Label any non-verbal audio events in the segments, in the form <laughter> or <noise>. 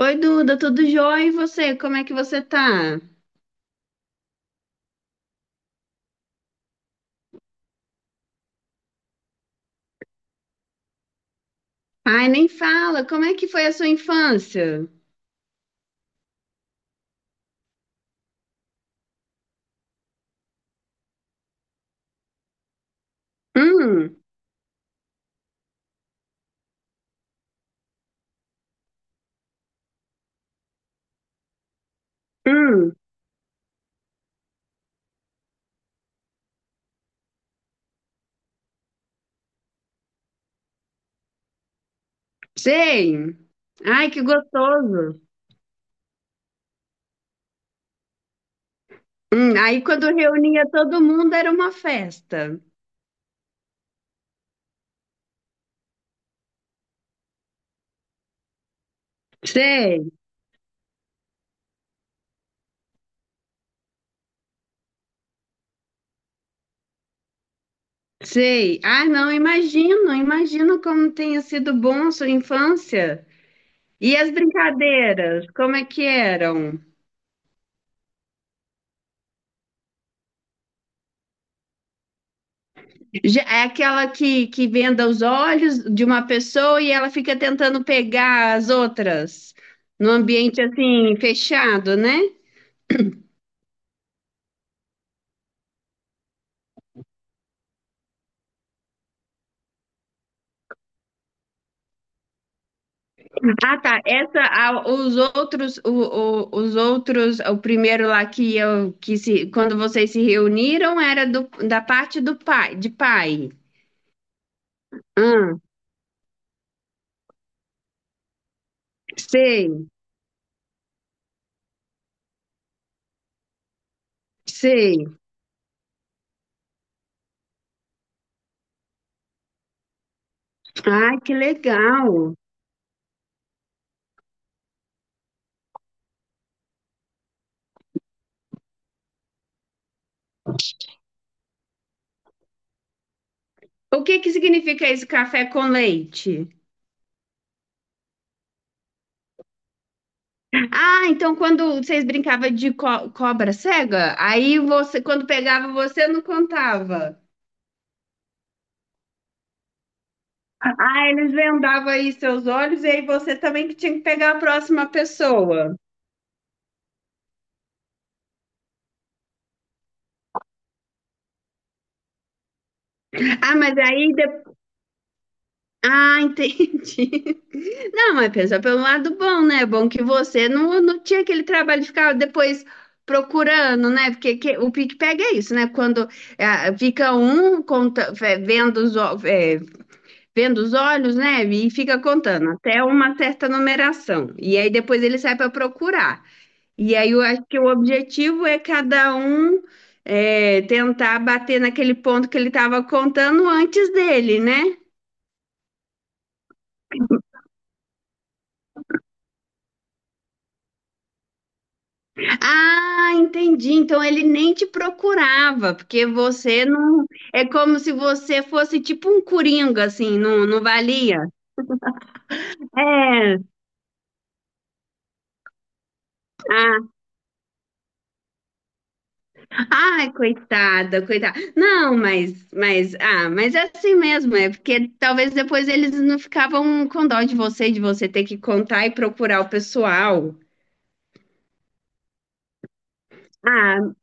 Oi, Duda, tudo jóia? E você? Como é que você tá? Ai, nem fala, como é que foi a sua infância? Hum, hum, sei. Ai, que gostoso. Aí quando reunia todo mundo era uma festa. Sei, sei. Ah, não, imagino, imagino como tenha sido bom a sua infância. E as brincadeiras, como é que eram? É aquela que, venda os olhos de uma pessoa e ela fica tentando pegar as outras num ambiente assim fechado, né? Ah, tá. Essa, os outros, os outros, o primeiro lá que eu que se, quando vocês se reuniram era da parte do pai, de pai. Ah, sei, sei. Ai, que legal. O que que significa esse café com leite? Ah, então quando vocês brincavam de cobra cega, aí você, quando pegava, você não contava. Ah, eles vendavam aí seus olhos e aí você também que tinha que pegar a próxima pessoa. Ah, mas aí... De... Ah, entendi. <laughs> Não, mas pensa pelo lado bom, né? É bom que você não, não tinha aquele trabalho de ficar depois procurando, né? Porque o pique-pega é isso, né? Quando é, fica um conta, é, é, vendo os olhos, né? E fica contando até uma certa numeração. E aí depois ele sai para procurar. E aí eu acho que o objetivo é cada um é, tentar bater naquele ponto que ele estava contando antes dele, né? Ah, entendi. Então ele nem te procurava, porque você não. É como se você fosse tipo um coringa, assim, não, não valia. É. Ah, Ai, coitada, coitada. Não, ah, mas é assim mesmo, é porque talvez depois eles não ficavam com dó de você ter que contar e procurar o pessoal. Ah,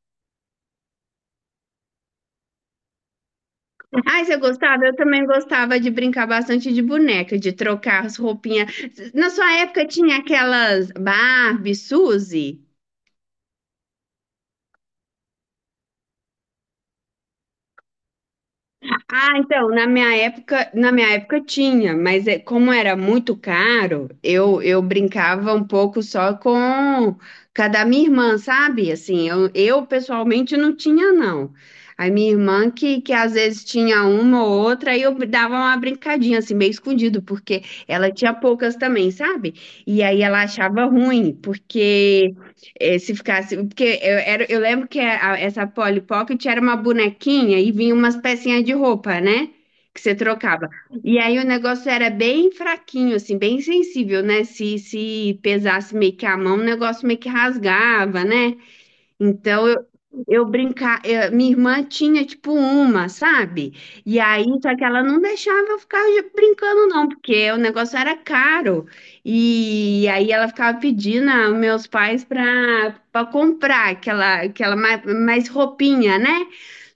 ai, você gostava? Eu também gostava de brincar bastante de boneca, de trocar as roupinhas. Na sua época tinha aquelas Barbie, Suzy? Ah, então, na minha época tinha, mas como era muito caro, eu brincava um pouco só com cada minha irmã, sabe? Assim, eu pessoalmente não tinha, não. A minha irmã que às vezes tinha uma ou outra, aí eu dava uma brincadinha, assim, meio escondido, porque ela tinha poucas também, sabe? E aí ela achava ruim, porque eh, se ficasse. Porque eu lembro que essa Polly Pocket era uma bonequinha e vinha umas pecinhas de roupa, né? Que você trocava. E aí o negócio era bem fraquinho, assim, bem sensível, né? Se pesasse meio que a mão, o negócio meio que rasgava, né? Então minha irmã tinha tipo uma, sabe? E aí, só que ela não deixava eu ficar brincando, não, porque o negócio era caro. E aí ela ficava pedindo aos meus pais para comprar aquela mais roupinha, né?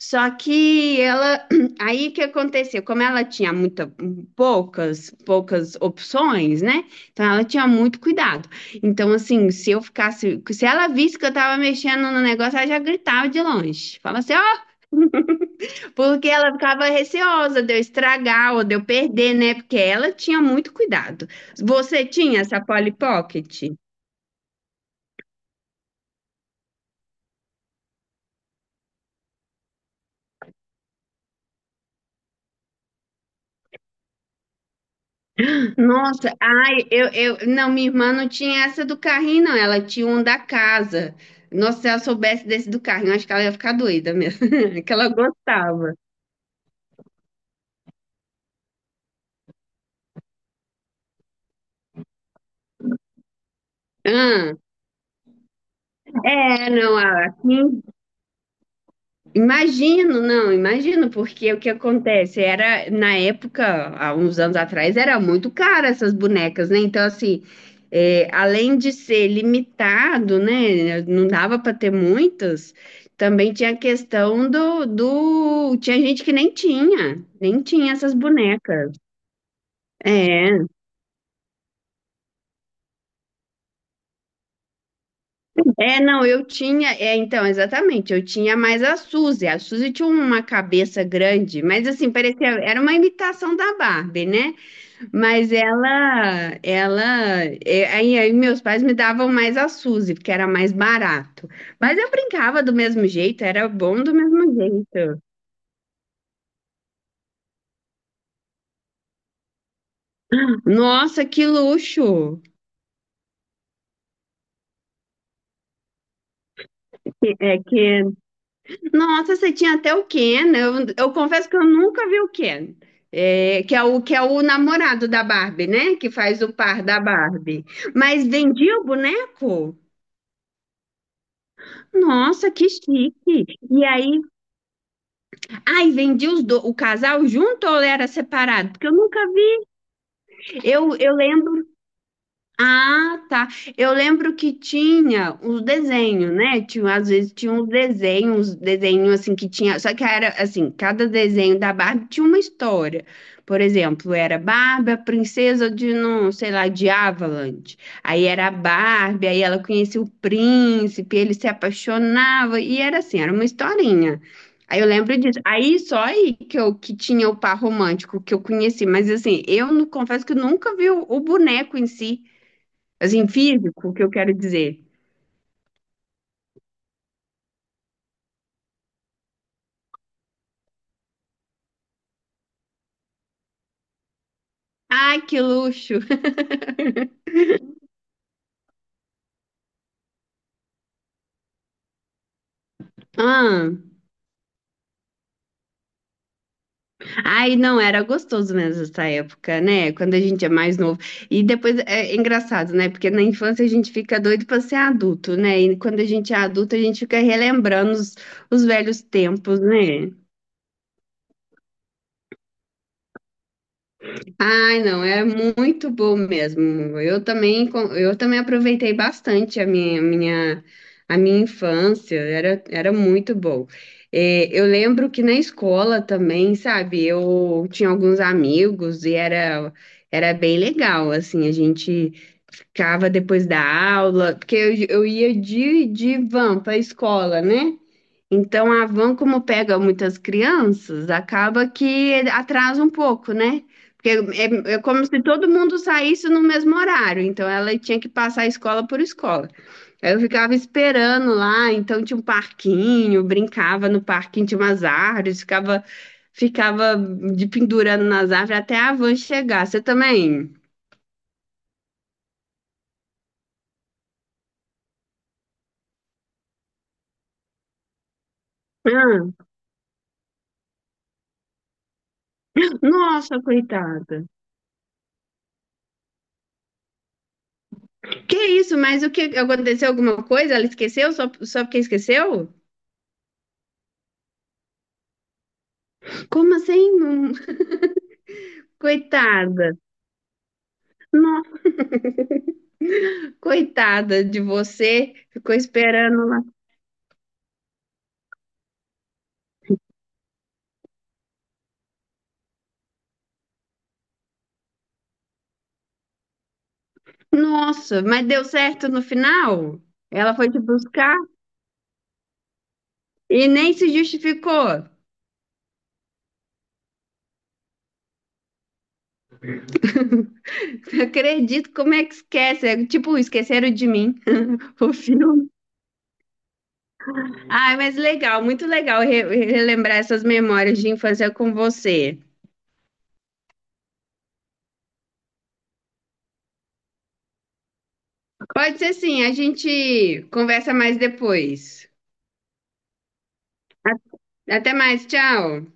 Só que ela, <clears throat> aí o que aconteceu? Como ela tinha muita, poucas opções, né? Então ela tinha muito cuidado. Então, assim, se eu ficasse, se ela visse que eu tava mexendo no negócio, ela já gritava de longe. Fala assim, ó, porque ela ficava receosa de eu estragar ou de eu perder, né? Porque ela tinha muito cuidado. Você tinha essa Polly Pocket? Nossa, não, minha irmã não tinha essa do carrinho, não. Ela tinha um da casa. Nossa, se ela soubesse desse do carrinho, acho que ela ia ficar doida mesmo. <laughs> Que ela gostava. Ah, É, não, aqui imagino, não, imagino, porque o que acontece era, na época, há uns anos atrás, era muito caro essas bonecas, né? Então, assim, é, além de ser limitado, né? Não dava para ter muitas, também tinha a questão do, do. Tinha gente que nem tinha, nem tinha essas bonecas. É, não, eu tinha, é, então, exatamente, eu tinha mais a Suzy. A Suzy tinha uma cabeça grande, mas assim, parecia, era uma imitação da Barbie, né? Mas aí meus pais me davam mais a Suzy, porque era mais barato. Mas eu brincava do mesmo jeito, era bom do mesmo jeito. Nossa, que luxo! É que, nossa, você tinha até o Ken. Eu confesso que eu nunca vi o Ken. É, que é o namorado da Barbie, né? Que faz o par da Barbie. Mas vendia o boneco? Nossa, que chique! E aí ai, o casal junto ou era separado? Porque eu nunca vi. Eu lembro ah, tá. Eu lembro que tinha uns desenhos, né? Tinha, às vezes tinha uns desenhos assim que tinha. Só que era assim, cada desenho da Barbie tinha uma história. Por exemplo, era Barbie, a princesa de não, sei lá, de Avalanche. Aí era a Barbie, aí ela conhecia o príncipe, ele se apaixonava, e era assim, era uma historinha. Aí eu lembro disso. Aí só aí que eu que tinha o par romântico que eu conheci, mas assim, eu não- confesso que eu nunca vi o boneco em si. Assim, físico, o que eu quero dizer. Ai, que luxo! Ah, ai, não, era gostoso mesmo essa época, né? Quando a gente é mais novo. E depois é engraçado, né? Porque na infância a gente fica doido para ser adulto, né? E quando a gente é adulto, a gente fica relembrando os velhos tempos, né? Ai, não, é muito bom mesmo. Eu também aproveitei bastante a minha infância, era muito bom. Eu lembro que na escola também, sabe, eu tinha alguns amigos e era bem legal, assim, a gente ficava depois da aula, porque eu ia de van para a escola, né? Então, a van, como pega muitas crianças, acaba que atrasa um pouco, né? Porque é como se todo mundo saísse no mesmo horário, então ela tinha que passar escola por escola. Aí eu ficava esperando lá, então tinha um parquinho, brincava no parquinho, tinha umas árvores, ficava de pendurando nas árvores até a van chegar. Você também? Ah, nossa, coitada. Que isso, mas o que aconteceu? Alguma coisa? Ela esqueceu? Só porque esqueceu? Como assim? Não- coitada. No- coitada de você. Ficou esperando lá. Nossa, mas deu certo no final? Ela foi te buscar e nem se justificou. <laughs> Acredito, como é que esquece? É tipo, esqueceram de mim <laughs> o filme. Ai, mas legal, muito legal relembrar essas memórias de infância com você. Pode ser sim, a gente conversa mais depois. A- até mais, tchau.